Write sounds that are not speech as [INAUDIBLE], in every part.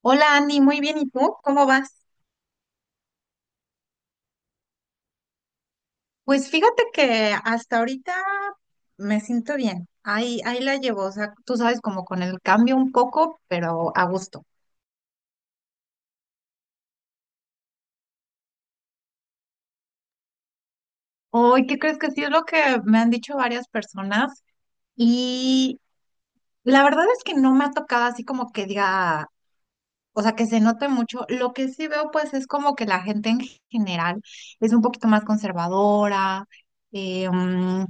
Hola Andy, muy bien. ¿Y tú? ¿Cómo vas? Pues fíjate que hasta ahorita me siento bien. Ahí la llevo. O sea, tú sabes, como con el cambio un poco, pero a gusto. Hoy, ¿qué crees? Que sí, es lo que me han dicho varias personas. Y la verdad es que no me ha tocado así como que diga, o sea, que se note mucho. Lo que sí veo, pues, es como que la gente en general es un poquito más conservadora, eh, mm,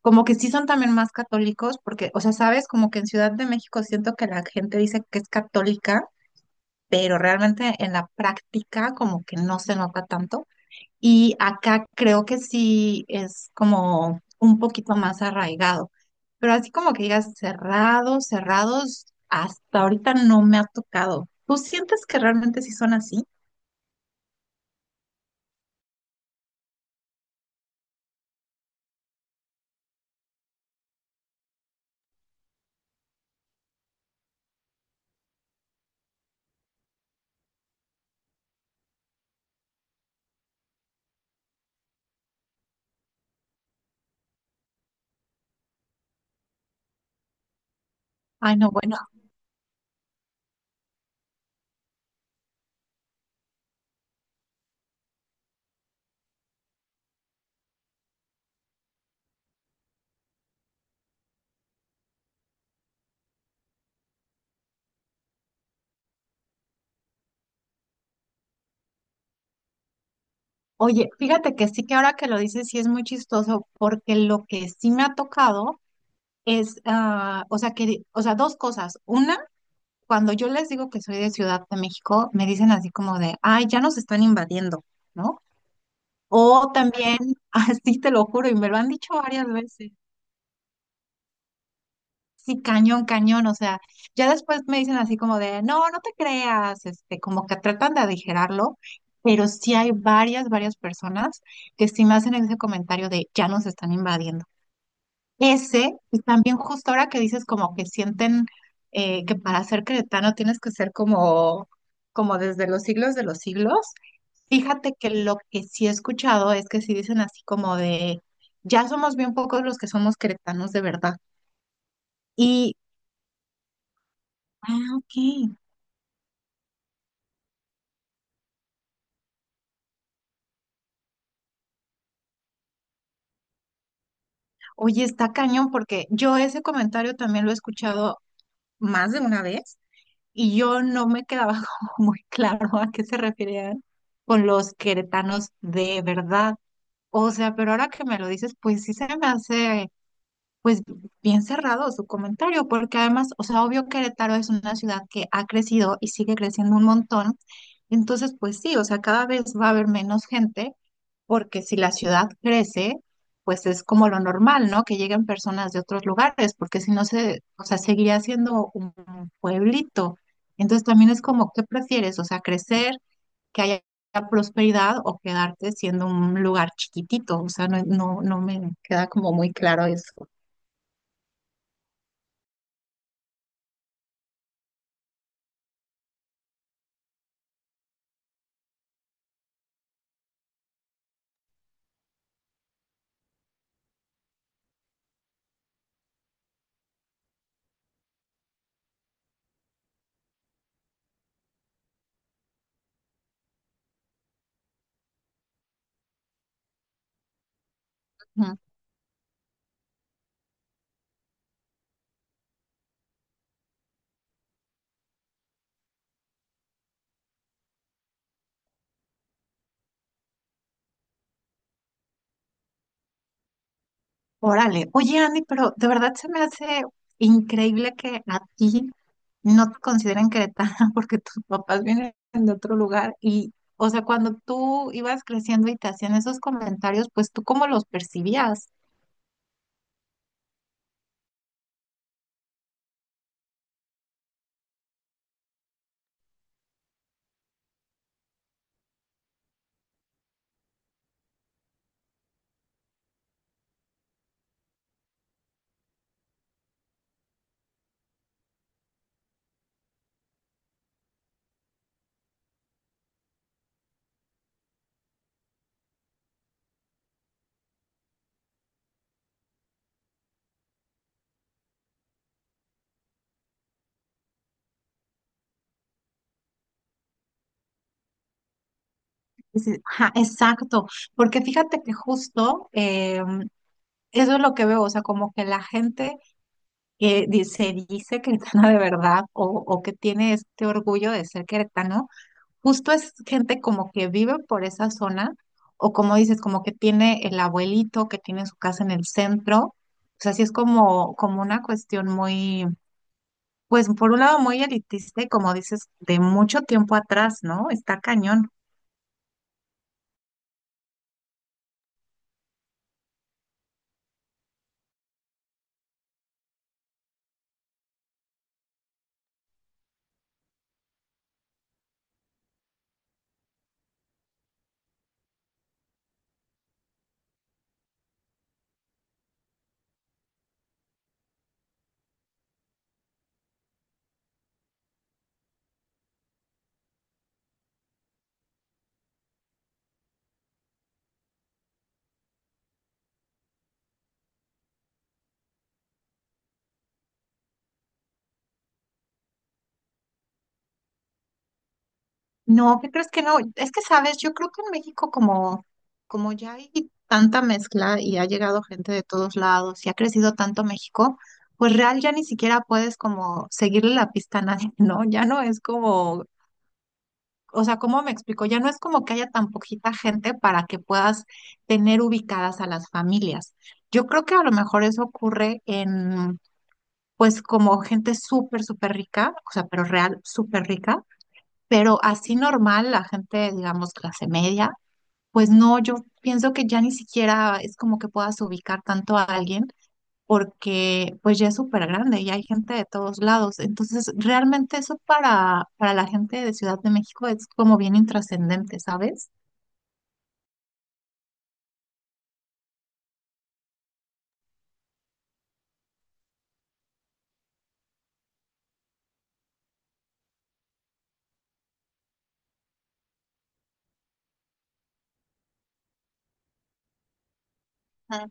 como que sí son también más católicos, porque, o sea, sabes, como que en Ciudad de México siento que la gente dice que es católica, pero realmente en la práctica como que no se nota tanto. Y acá creo que sí es como un poquito más arraigado, pero así como que digas cerrados, cerrados, hasta ahorita no me ha tocado. ¿Tú sientes que realmente sí son así? Ay, no, bueno, oye, fíjate que sí, que ahora que lo dices sí es muy chistoso, porque lo que sí me ha tocado es, o sea, o sea, dos cosas. Una, cuando yo les digo que soy de Ciudad de México, me dicen así como de, ay, ya nos están invadiendo, ¿no? O también, [LAUGHS] así te lo juro, y me lo han dicho varias veces. Sí, cañón, cañón, o sea, ya después me dicen así como de, no, no te creas, este, como que tratan de aligerarlo, pero sí hay varias, varias personas que sí me hacen ese comentario de, ya nos están invadiendo. Ese, y también justo ahora que dices como que sienten que para ser cretano tienes que ser como, como desde los siglos de los siglos. Fíjate que lo que sí he escuchado es que sí dicen así como de, ya somos bien pocos los que somos queretanos de verdad. Y, ok. Oye, está cañón porque yo ese comentario también lo he escuchado más de una vez y yo no me quedaba [LAUGHS] como muy claro a qué se referían con los queretanos de verdad. O sea, pero ahora que me lo dices, pues sí se me hace pues bien cerrado su comentario, porque además, o sea, obvio Querétaro es una ciudad que ha crecido y sigue creciendo un montón, entonces pues sí, o sea, cada vez va a haber menos gente, porque si la ciudad crece, pues es como lo normal, ¿no? Que lleguen personas de otros lugares, porque si no se, o sea, seguiría siendo un pueblito. Entonces también es como, ¿qué prefieres? O sea, crecer, que haya prosperidad o quedarte siendo un lugar chiquitito. O sea, no, no, no me queda como muy claro eso. Órale, oye Andy, pero de verdad se me hace increíble que a ti no te consideren queretana [LAUGHS] porque tus papás vienen de otro lugar y, o sea, cuando tú ibas creciendo y te hacían esos comentarios, pues tú cómo los percibías. Dices, ajá, exacto, porque fíjate que justo eso es lo que veo, o sea, como que la gente se dice queretana de verdad o que tiene este orgullo de ser queretano. Justo es gente como que vive por esa zona, o como dices, como que tiene el abuelito que tiene su casa en el centro. O sea, sí es como, como una cuestión muy, pues por un lado muy elitista y como dices, de mucho tiempo atrás, ¿no? Está cañón. No, ¿qué crees? Que no. Es que, sabes, yo creo que en México como, como ya hay tanta mezcla y ha llegado gente de todos lados y ha crecido tanto México, pues real ya ni siquiera puedes como seguirle la pista a nadie, ¿no? Ya no es como o sea, ¿cómo me explico? Ya no es como que haya tan poquita gente para que puedas tener ubicadas a las familias. Yo creo que a lo mejor eso ocurre en, pues, como gente súper, súper rica, o sea, pero real, súper rica, pero así normal, la gente, digamos, clase media, pues no, yo pienso que ya ni siquiera es como que puedas ubicar tanto a alguien porque pues ya es súper grande y hay gente de todos lados. Entonces, realmente eso para la gente de Ciudad de México es como bien intrascendente, ¿sabes? Ujú.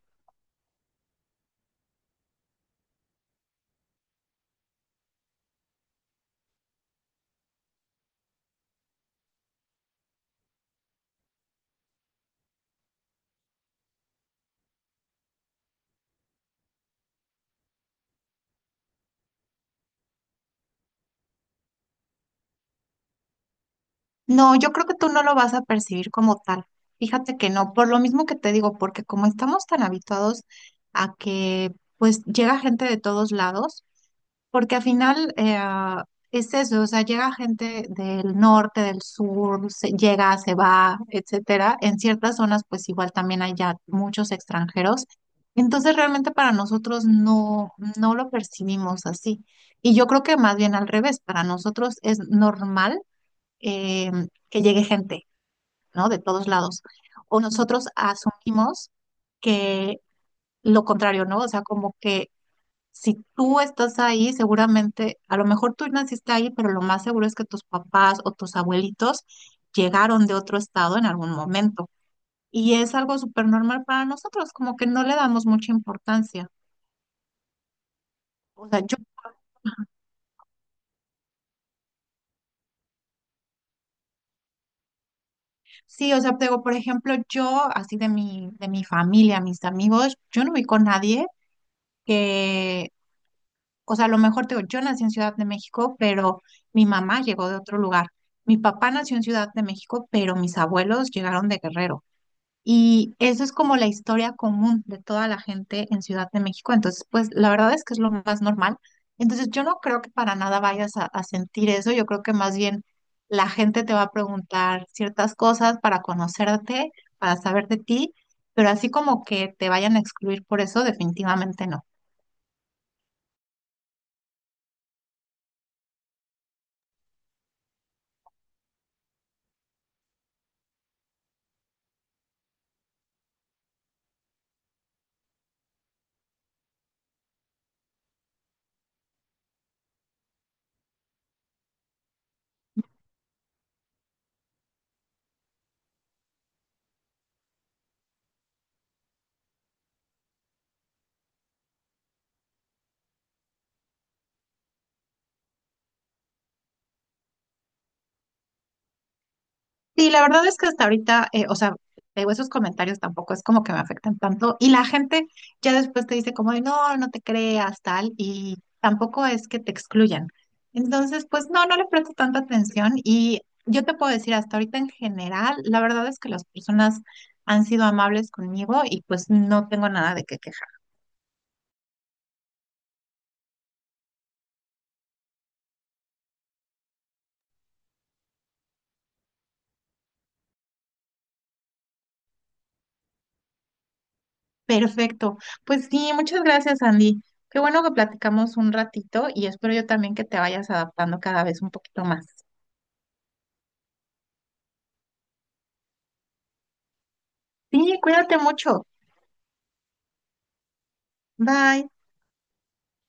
No, yo creo que tú no lo vas a percibir como tal. Fíjate que no, por lo mismo que te digo, porque como estamos tan habituados a que pues llega gente de todos lados. Porque al final es eso, o sea, llega gente del norte, del sur, llega, se va, etcétera. En ciertas zonas, pues igual también hay ya muchos extranjeros. Entonces, realmente para nosotros no, no lo percibimos así. Y yo creo que más bien al revés, para nosotros es normal eh, que llegue gente, ¿no? De todos lados. O nosotros asumimos que lo contrario, ¿no? O sea, como que si tú estás ahí, seguramente, a lo mejor tú naciste ahí, pero lo más seguro es que tus papás o tus abuelitos llegaron de otro estado en algún momento. Y es algo súper normal para nosotros, como que no le damos mucha importancia. O sea, yo, sí, o sea, te digo, por ejemplo, yo, así de mi familia, mis amigos, yo no vi con nadie que, o sea, a lo mejor te digo, yo nací en Ciudad de México, pero mi mamá llegó de otro lugar. Mi papá nació en Ciudad de México, pero mis abuelos llegaron de Guerrero. Y eso es como la historia común de toda la gente en Ciudad de México. Entonces, pues la verdad es que es lo más normal. Entonces, yo no creo que para nada vayas a sentir eso. Yo creo que más bien la gente te va a preguntar ciertas cosas para conocerte, para saber de ti, pero así como que te vayan a excluir por eso, definitivamente no. Sí, la verdad es que hasta ahorita, o sea, digo, esos comentarios tampoco es como que me afectan tanto. Y la gente ya después te dice como de, no, no te creas, tal, y tampoco es que te excluyan. Entonces, pues no, no le presto tanta atención. Y yo te puedo decir, hasta ahorita en general, la verdad es que las personas han sido amables conmigo y pues no tengo nada de qué quejar. Perfecto. Pues sí, muchas gracias, Andy. Qué bueno que platicamos un ratito y espero yo también que te vayas adaptando cada vez un poquito más. Sí, cuídate mucho. Bye.